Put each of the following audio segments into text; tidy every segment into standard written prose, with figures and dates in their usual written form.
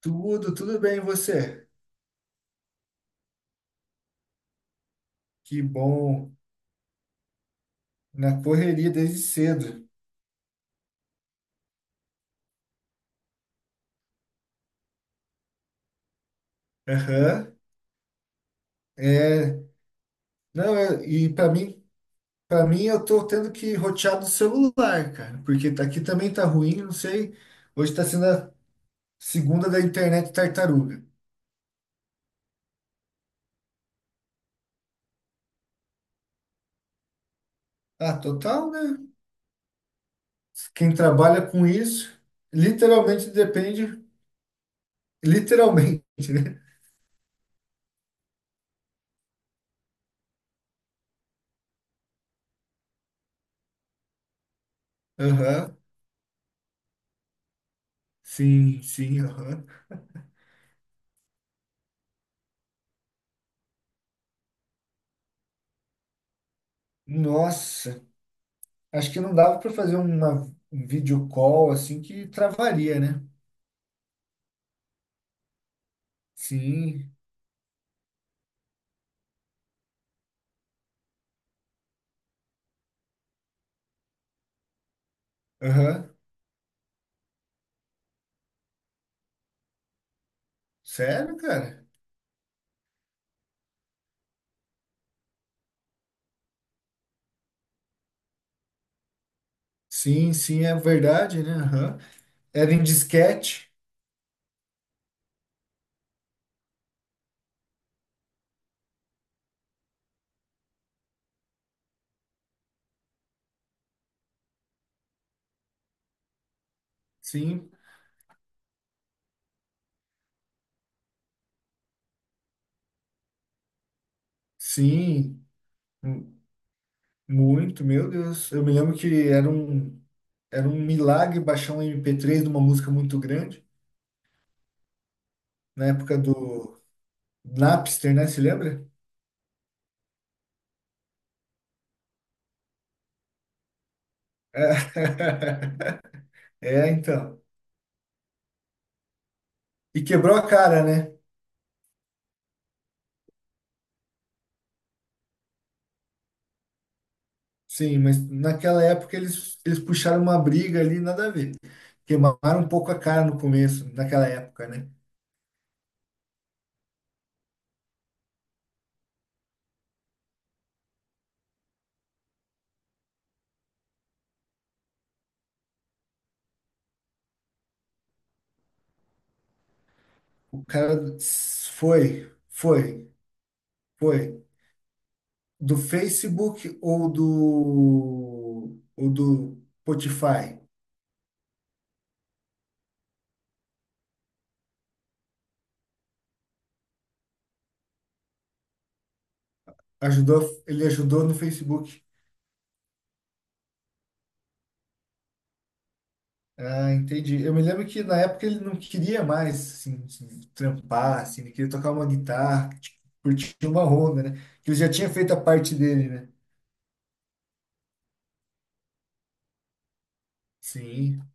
Tudo bem, e você? Que bom. Na correria desde cedo. Aham. É, não, é, E para mim eu tô tendo que rotear do celular, cara, porque aqui também tá ruim, não sei. Hoje tá sendo a segunda da internet tartaruga. Ah, total, né? Quem trabalha com isso, literalmente depende, literalmente, né? Aham. Sim, sim, aham. Nossa. Acho que não dava para fazer um vídeo call assim que travaria, né? Sim. Aham. Sério, cara? Sim, sim, é verdade, né? Aham. Era em disquete. Sim, sim. Mu- Muito, meu Deus. Eu me lembro que era um milagre baixar um MP3 de uma música muito grande, na época do Napster, né? Se lembra? É, é, então. E quebrou a cara, né? Sim, mas naquela época eles puxaram uma briga ali, nada a ver. Queimaram um pouco a cara no começo, naquela época, né? O cara foi, foi, foi do Facebook ou do Spotify. Ajudou, ele ajudou no Facebook. Ah, entendi. Eu me lembro que na época ele não queria mais assim, se trampar, assim, ele queria tocar uma guitarra, tipo, curtir uma onda, né? Que ele já tinha feito a parte dele, né? Sim.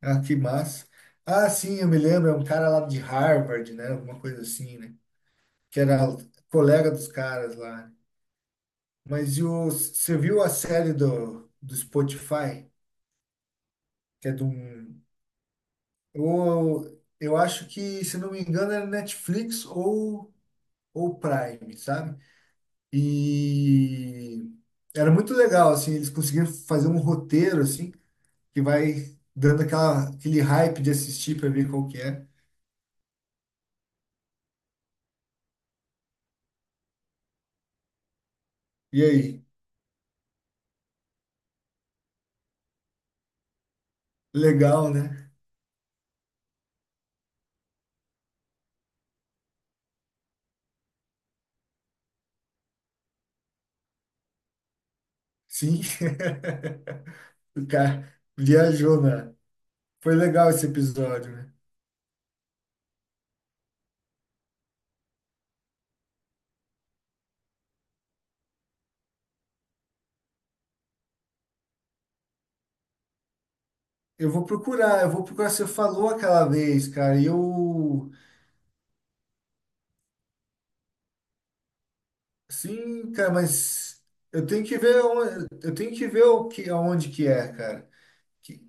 Ah, que massa. Ah, sim, eu me lembro, é um cara lá de Harvard, né? Alguma coisa assim, né? Que era colega dos caras lá. Mas e o, você viu a série do Spotify? Que é de um. Eu acho que, se não me engano, era Netflix ou Prime, sabe? E era muito legal, assim, eles conseguiram fazer um roteiro, assim, que vai dando aquela, aquele hype de assistir para ver qual que é. E aí? Legal, né? Sim, o cara viajou, né? Foi legal esse episódio, né? Eu vou procurar. Você falou aquela vez, cara, e eu. Sim, cara, mas eu tenho que ver, onde, eu tenho que ver o que, aonde que é, cara. Que-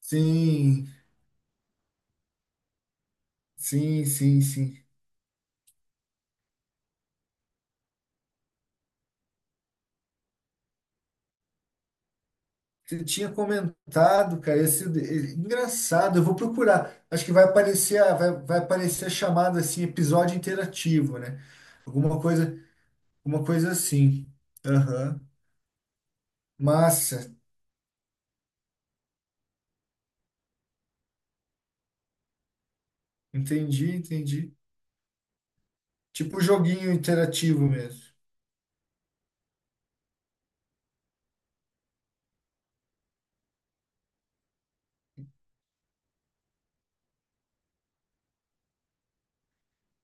Sim, sim, sim, sim. Você tinha comentado, cara, esse, engraçado. Eu vou procurar. Acho que vai aparecer, vai aparecer a chamada assim, episódio interativo, né? Alguma coisa, alguma coisa assim. Aham. Massa, entendi, entendi. Tipo um joguinho interativo mesmo.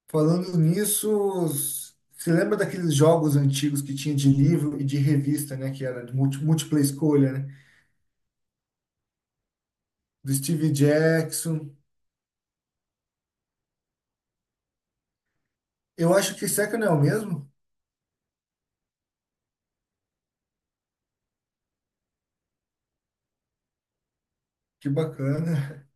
Falando nisso, você lembra daqueles jogos antigos que tinha de livro e de revista, né? Que era de múltipla escolha, né? Do Steve Jackson. Eu acho que Second é o mesmo? Que bacana.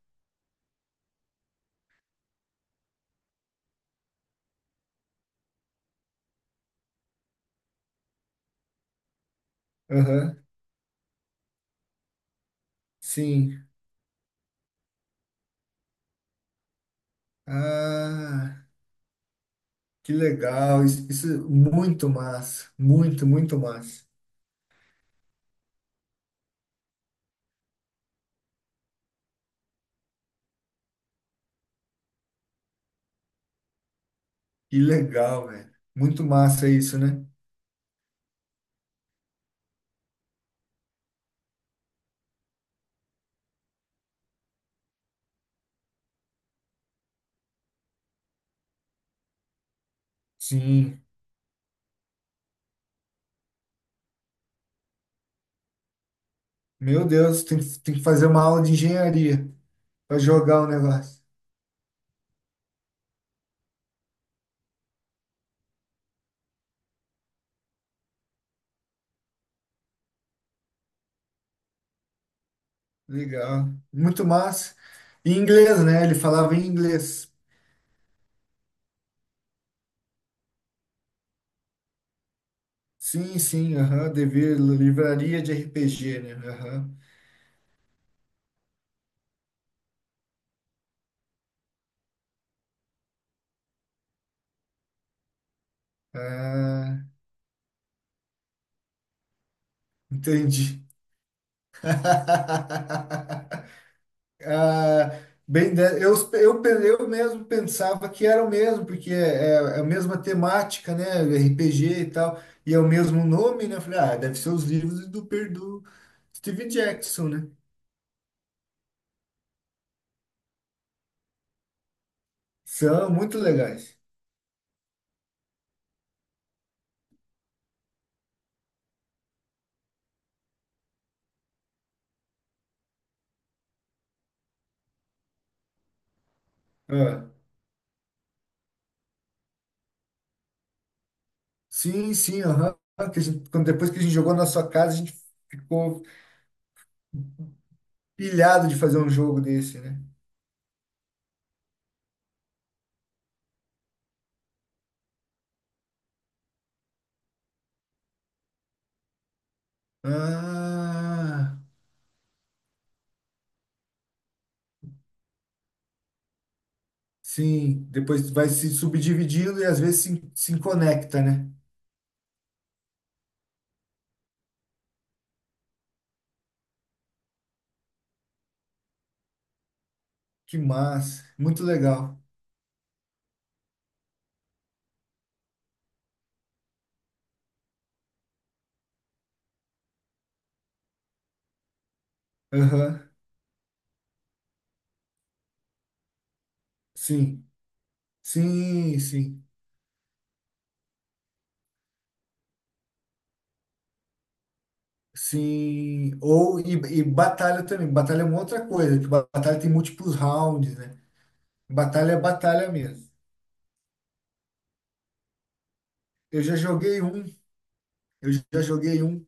Aham, Sim. Ah, que legal. Isso é muito massa. Muito, muito massa. Que legal, velho. Muito massa isso, né? Sim. Meu Deus, tem, tem que fazer uma aula de engenharia para jogar o negócio. Legal. Muito massa. Em inglês, né? Ele falava em inglês. Sim, sim, aham. Devia livraria de RPG, né? Aham. Ah, entendi. Ah, bem, eu mesmo pensava que era o mesmo, porque é, é a mesma temática, né? RPG e tal, e é o mesmo nome, né? Eu falei, ah, deve ser os livros do, do Steve Jackson, né? São muito legais. Ah, sim, sim, aham. Que a gente- quando- Depois que a gente jogou na sua casa, a gente ficou pilhado de fazer um jogo desse, né? Ah, sim. Depois vai se subdividindo e às vezes se conecta, né? Que massa, muito legal. Aham, Sim, sim, sim, sim. Ou e batalha também. Batalha é uma outra coisa, que batalha tem múltiplos rounds, né? Batalha é batalha mesmo. Eu já joguei um, eu já joguei um.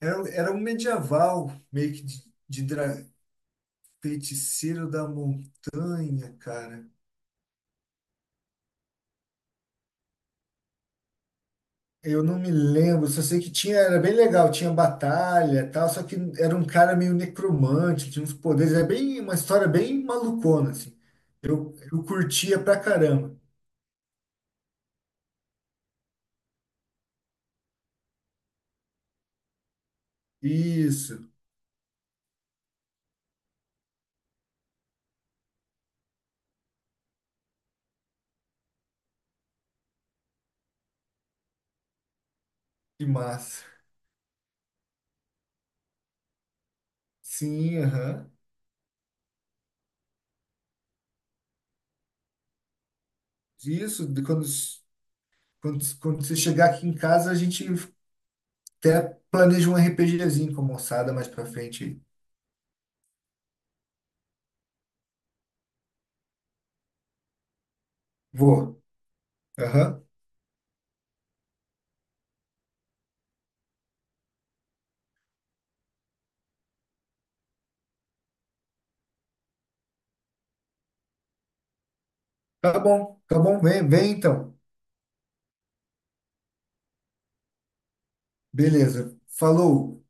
Era, era um medieval, meio que de, feiticeiro da montanha, cara. Eu não me lembro, só sei que tinha, era bem legal, tinha batalha e tal, só que era um cara meio necromante, tinha uns poderes, é bem uma história bem malucona, assim. Eu curtia pra caramba. Isso, que massa. Sim, aham. Isso, de quando você chegar aqui em casa, a gente até planeja um RPGzinho com a moçada mais pra frente. Vou. Aham. Vem, vem então. Beleza, falou.